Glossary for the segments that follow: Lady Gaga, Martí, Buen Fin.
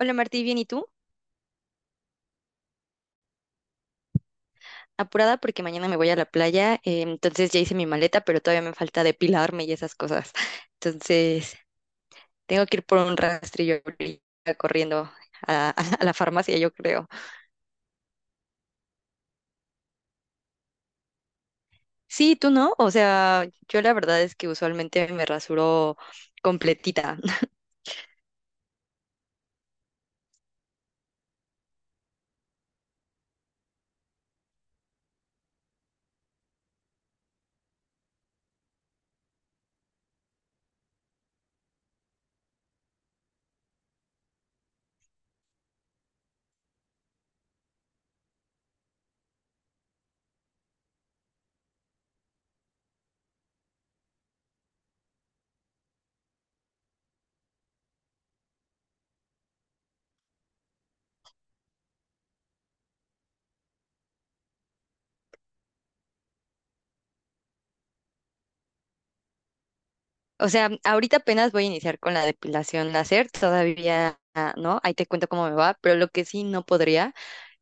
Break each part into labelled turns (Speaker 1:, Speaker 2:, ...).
Speaker 1: Hola Martí, bien, ¿y tú? Apurada porque mañana me voy a la playa, entonces ya hice mi maleta, pero todavía me falta depilarme y esas cosas. Entonces, tengo que ir por un rastrillo ahorita corriendo a, a la farmacia, yo creo. Sí, tú no, o sea, yo la verdad es que usualmente me rasuro completita. O sea, ahorita apenas voy a iniciar con la depilación láser, todavía, ah, ¿no? Ahí te cuento cómo me va, pero lo que sí no podría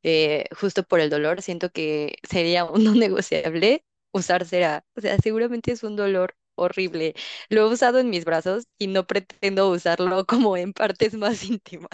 Speaker 1: justo por el dolor, siento que sería un no negociable usar cera. O sea, seguramente es un dolor horrible. Lo he usado en mis brazos y no pretendo usarlo como en partes más íntimas.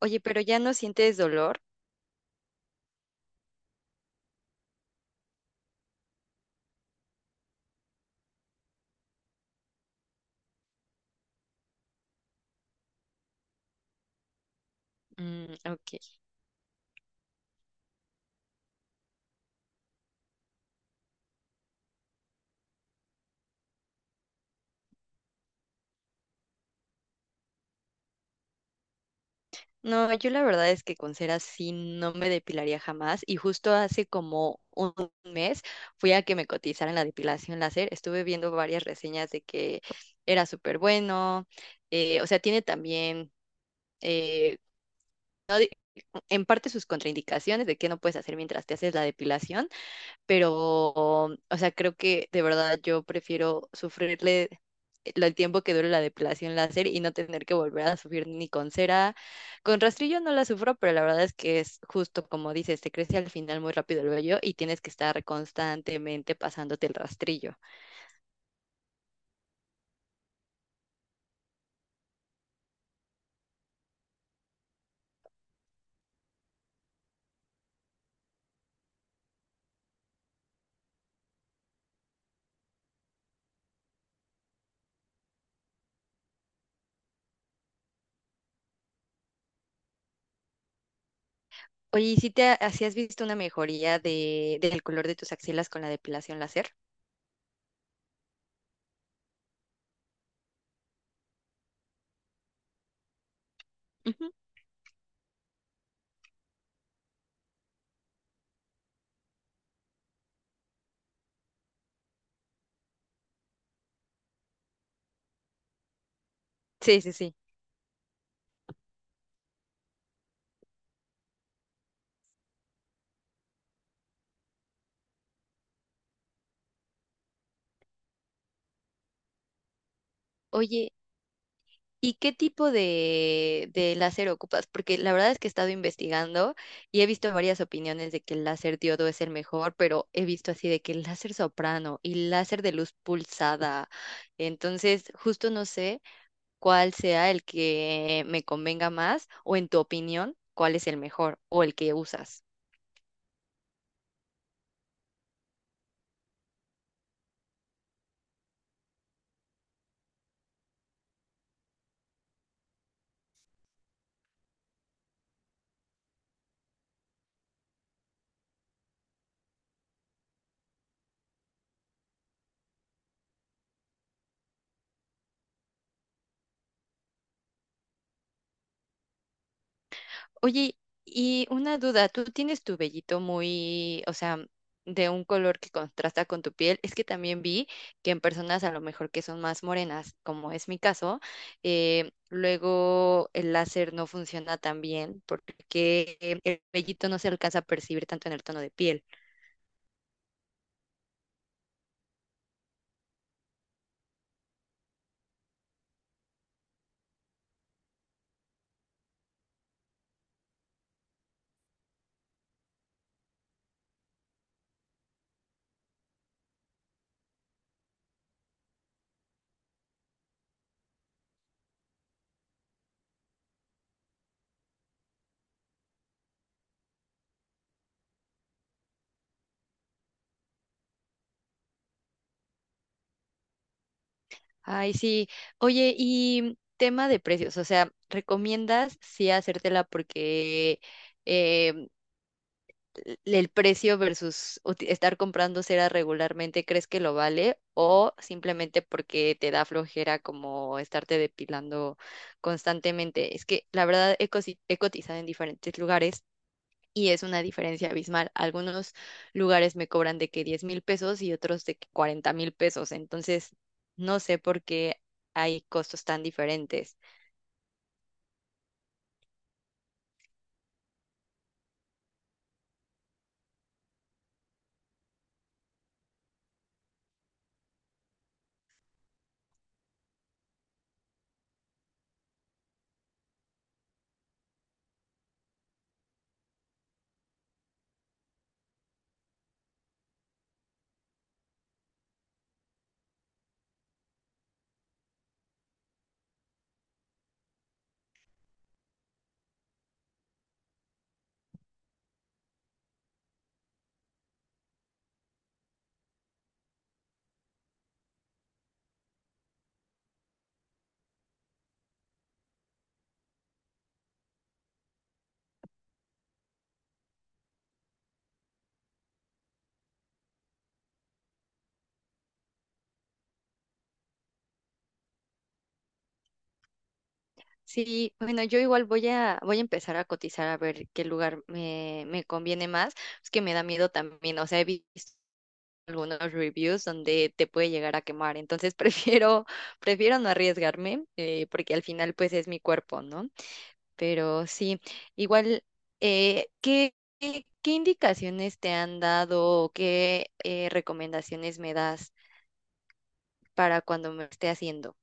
Speaker 1: Oye, pero ya no sientes dolor. Mm, ok. No, yo la verdad es que con cera sí no me depilaría jamás. Y justo hace como un mes fui a que me cotizaran la depilación láser. Estuve viendo varias reseñas de que era súper bueno. O sea, tiene también eh, no en parte sus contraindicaciones de qué no puedes hacer mientras te haces la depilación, pero, o sea, creo que de verdad yo prefiero sufrirle el tiempo que dure la depilación láser y no tener que volver a sufrir ni con cera. Con rastrillo no la sufro, pero la verdad es que es justo como dices, te crece al final muy rápido el vello y tienes que estar constantemente pasándote el rastrillo. Oye, ¿si has visto una mejoría de, del color de tus axilas con la depilación láser? Ujú. Sí, sí, sí. Oye, ¿y qué tipo de láser ocupas? Porque la verdad es que he estado investigando y he visto varias opiniones de que el láser diodo es el mejor, pero he visto así de que el láser soprano y láser de luz pulsada. Entonces, justo no sé cuál sea el que me convenga más o en tu opinión, cuál es el mejor o el que usas. Oye, y una duda, ¿tú tienes tu vellito muy, o sea, de un color que contrasta con tu piel? Es que también vi que en personas a lo mejor que son más morenas, como es mi caso, luego el láser no funciona tan bien porque el vellito no se alcanza a percibir tanto en el tono de piel. Ay, sí. Oye, y tema de precios, o sea, ¿recomiendas sí hacértela porque... eh, el precio versus estar comprando cera regularmente, ¿crees que lo vale? ¿O simplemente porque te da flojera como estarte depilando constantemente? Es que la verdad he cotizado en diferentes lugares y es una diferencia abismal. Algunos lugares me cobran de que 10,000 pesos y otros de que 40,000 pesos. Entonces, no sé por qué hay costos tan diferentes. Sí, bueno, yo igual voy a empezar a cotizar a ver qué lugar me conviene más. Es que me da miedo también, o sea, he visto algunos reviews donde te puede llegar a quemar, entonces prefiero, prefiero no arriesgarme, porque al final pues es mi cuerpo, ¿no? Pero sí, igual, ¿qué indicaciones te han dado o qué recomendaciones me das para cuando me esté haciendo?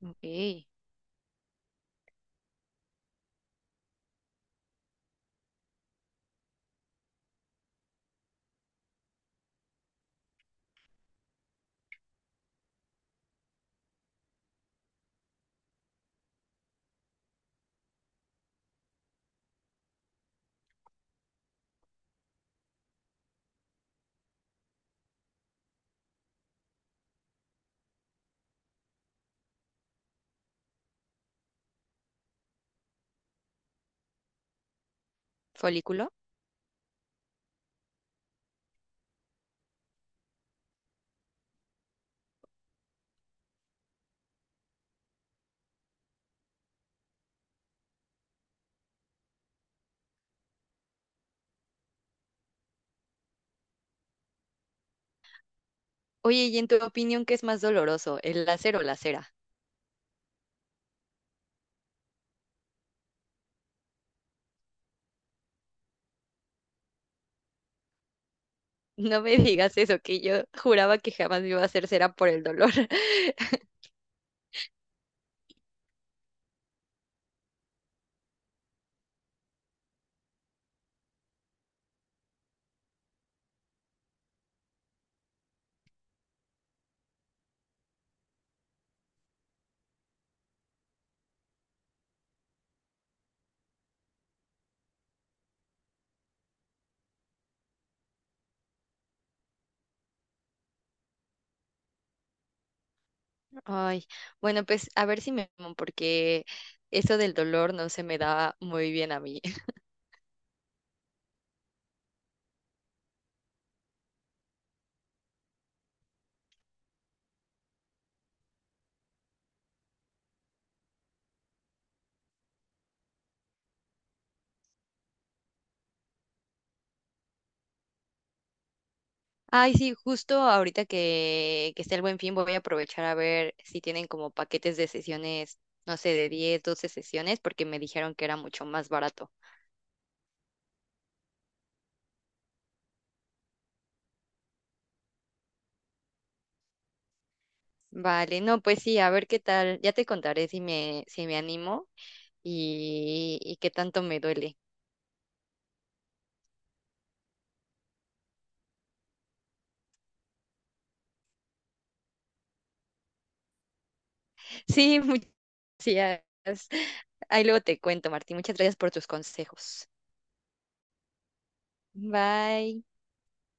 Speaker 1: Ok, folículo. Oye, ¿y en tu opinión qué es más doloroso, el láser o la cera? No me digas eso, que yo juraba que jamás me iba a hacer cera por el dolor. Ay, bueno, pues a ver si me animo, porque eso del dolor no se me da muy bien a mí. Ay, sí, justo ahorita que está el Buen Fin voy a aprovechar a ver si tienen como paquetes de sesiones, no sé, de 10, 12 sesiones, porque me dijeron que era mucho más barato. Vale, no, pues sí, a ver qué tal. Ya te contaré si me animo y qué tanto me duele. Sí, muchas gracias. Ahí luego te cuento, Martín. Muchas gracias por tus consejos. Bye.